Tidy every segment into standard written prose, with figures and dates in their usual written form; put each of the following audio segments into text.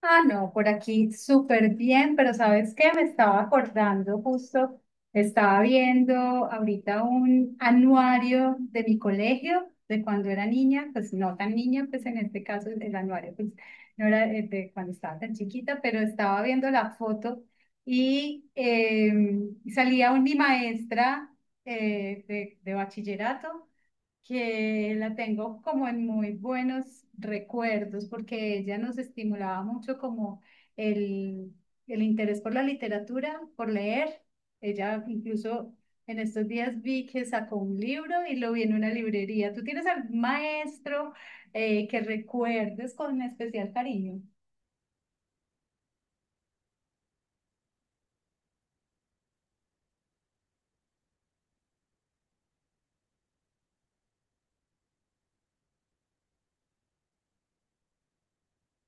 Ah, no, por aquí súper bien, pero ¿sabes qué? Me estaba acordando justo, estaba viendo ahorita un anuario de mi colegio, de cuando era niña, pues no tan niña, pues en este caso el anuario, pues no era de cuando estaba tan chiquita, pero estaba viendo la foto y mi maestra de bachillerato que la tengo como en muy buenos recuerdos, porque ella nos estimulaba mucho como el, el interés por la literatura, por leer. Ella incluso en estos días vi que sacó un libro y lo vi en una librería. ¿Tú tienes algún maestro que recuerdes con especial cariño?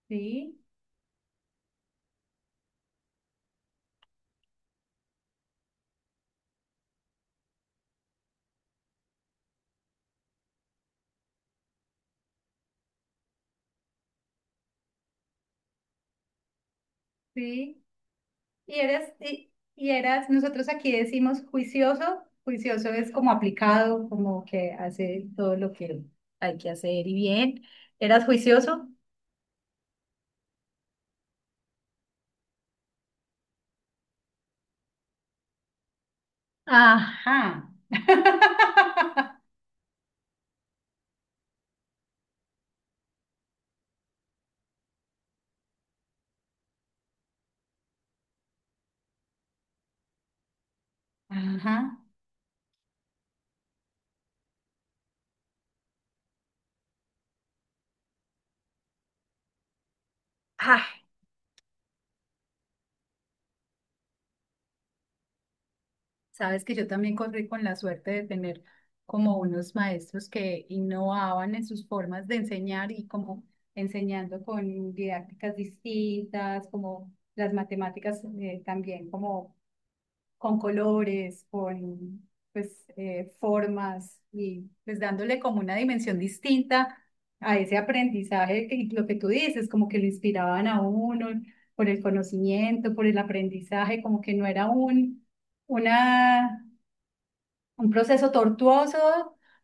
Sí, sí. Y eras, y eras, nosotros aquí decimos juicioso, juicioso es como aplicado, como que hace todo lo que hay que hacer y bien. ¿Eras juicioso? Ajá. Ajá. Ay, sabes que yo también corrí con la suerte de tener como unos maestros que innovaban en sus formas de enseñar y como enseñando con didácticas distintas, como las matemáticas también como con colores, con pues, formas y pues dándole como una dimensión distinta a ese aprendizaje que lo que tú dices, como que lo inspiraban a uno por el conocimiento, por el aprendizaje, como que no era una un proceso tortuoso,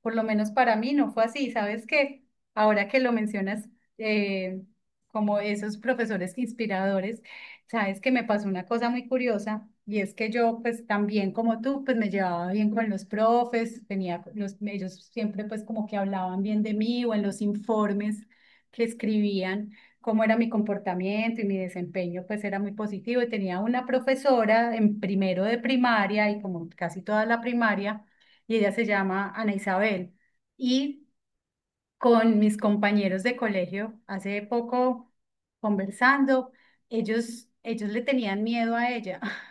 por lo menos para mí no fue así. Sabes que ahora que lo mencionas, eh, como esos profesores inspiradores, sabes que me pasó una cosa muy curiosa y es que yo, pues también como tú, pues me llevaba bien con los profes, tenía los, ellos siempre pues como que hablaban bien de mí o en los informes que escribían. Cómo era mi comportamiento y mi desempeño, pues era muy positivo. Y tenía una profesora en primero de primaria y como casi toda la primaria, y ella se llama Ana Isabel. Y con mis compañeros de colegio, hace poco conversando, ellos le tenían miedo a ella.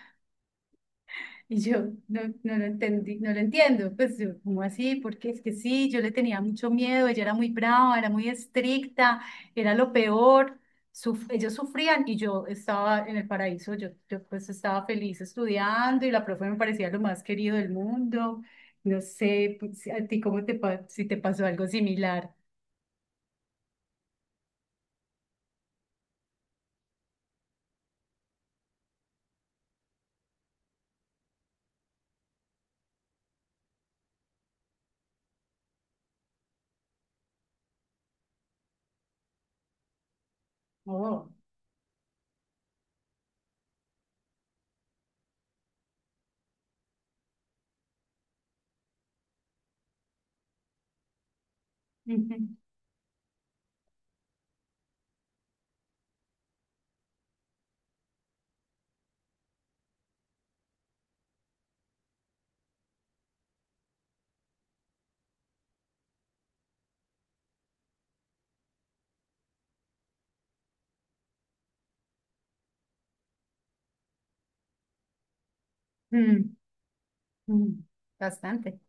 Y yo no, no lo entendí, no lo entiendo. Pues yo, ¿cómo así? Porque es que sí, yo le tenía mucho miedo, ella era muy brava, era muy estricta, era lo peor. Ellos sufrían y yo estaba en el paraíso, yo pues estaba feliz estudiando y la profe me parecía lo más querido del mundo. No sé pues, si a ti cómo te, si te pasó algo similar. Oh. Ujú. Mm, mm, bastante.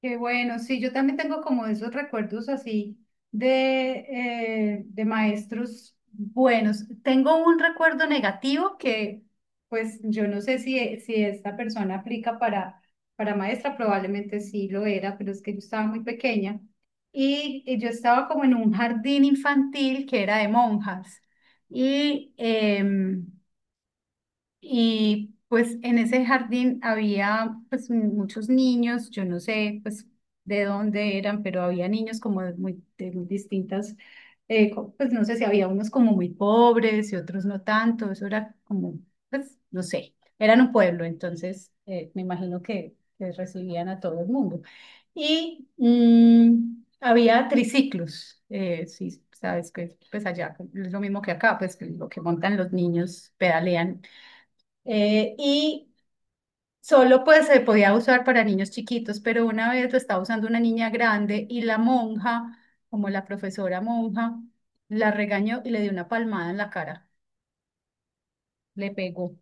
Qué bueno, sí, yo también tengo como esos recuerdos así de, de maestros buenos. Tengo un recuerdo negativo que, pues, yo no sé si, si esta persona aplica para maestra, probablemente sí lo era, pero es que yo estaba muy pequeña y yo estaba como en un jardín infantil que era de monjas y y pues en ese jardín había pues muchos niños, yo no sé pues de dónde eran, pero había niños como de muy distintas, pues no sé si había unos como muy pobres y otros no tanto, eso era como, pues no sé, eran un pueblo, entonces me imagino que recibían a todo el mundo. Y mm, había triciclos, sí, sabes que pues allá es lo mismo que acá, pues que lo que montan los niños, pedalean y solo pues se podía usar para niños chiquitos, pero una vez lo estaba usando una niña grande y la monja, como la profesora monja, la regañó y le dio una palmada en la cara, le pegó.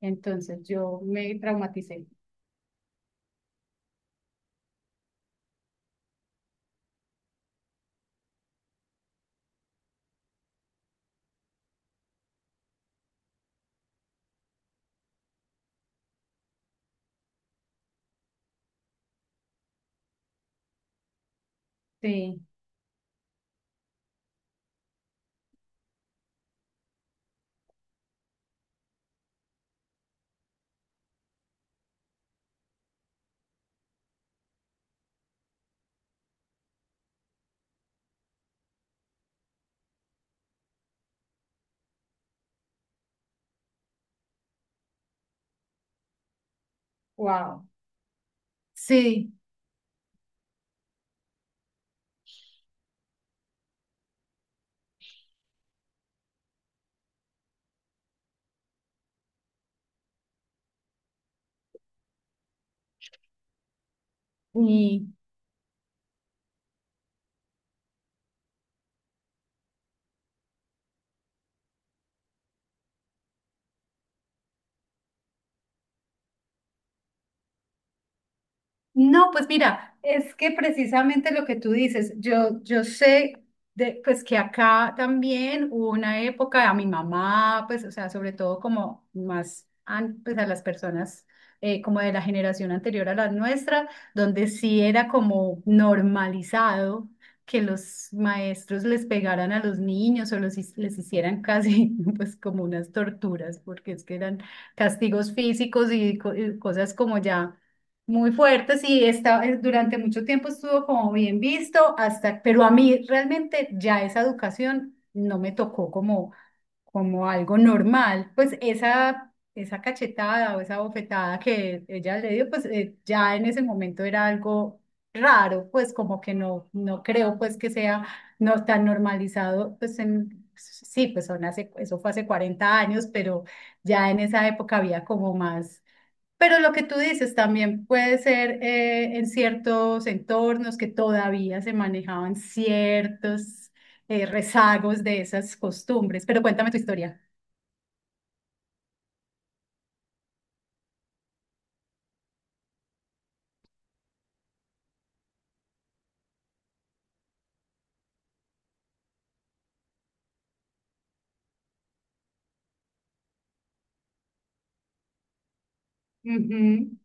Entonces yo me traumaticé. Sí, wow. Sí, y, no, pues mira, es que precisamente lo que tú dices, yo sé de, pues que acá también hubo una época a mi mamá, pues, o sea, sobre todo como más pues, a las personas como de la generación anterior a la nuestra, donde sí era como normalizado que los maestros les pegaran a los niños o los, les hicieran casi pues como unas torturas, porque es que eran castigos físicos y cosas como ya muy fuerte, sí, está, durante mucho tiempo estuvo como bien visto, hasta, pero a mí realmente ya esa educación no me tocó como, como algo normal, pues esa cachetada o esa bofetada que ella le dio, pues ya en ese momento era algo raro, pues como que no, no creo pues que sea no tan normalizado, pues en, sí, pues son hace, eso fue hace 40 años, pero ya en esa época había como más pero lo que tú dices también puede ser en ciertos entornos que todavía se manejaban ciertos rezagos de esas costumbres. Pero cuéntame tu historia. Ujú,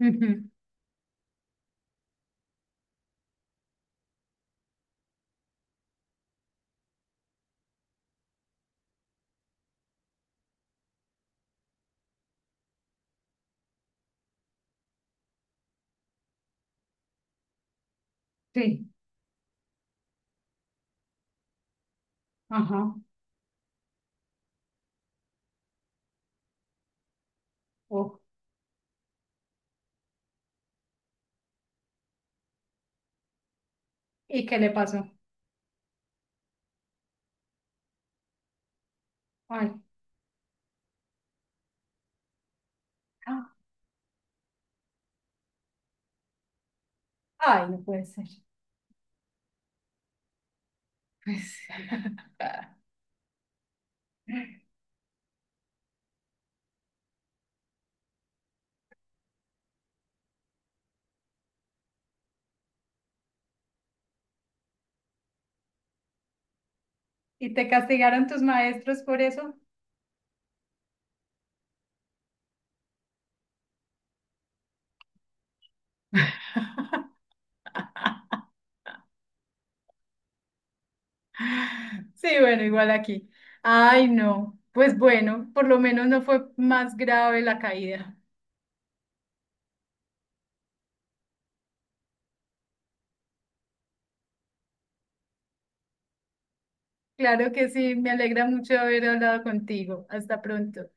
ujú, sí, ajá. Oh, ¿y qué le pasó? Ay, ah, ay, no puede ser. Pues, ¿y te castigaron tus maestros por eso? Sí, bueno, igual aquí. Ay, no. Pues bueno, por lo menos no fue más grave la caída. Claro que sí, me alegra mucho haber hablado contigo. Hasta pronto.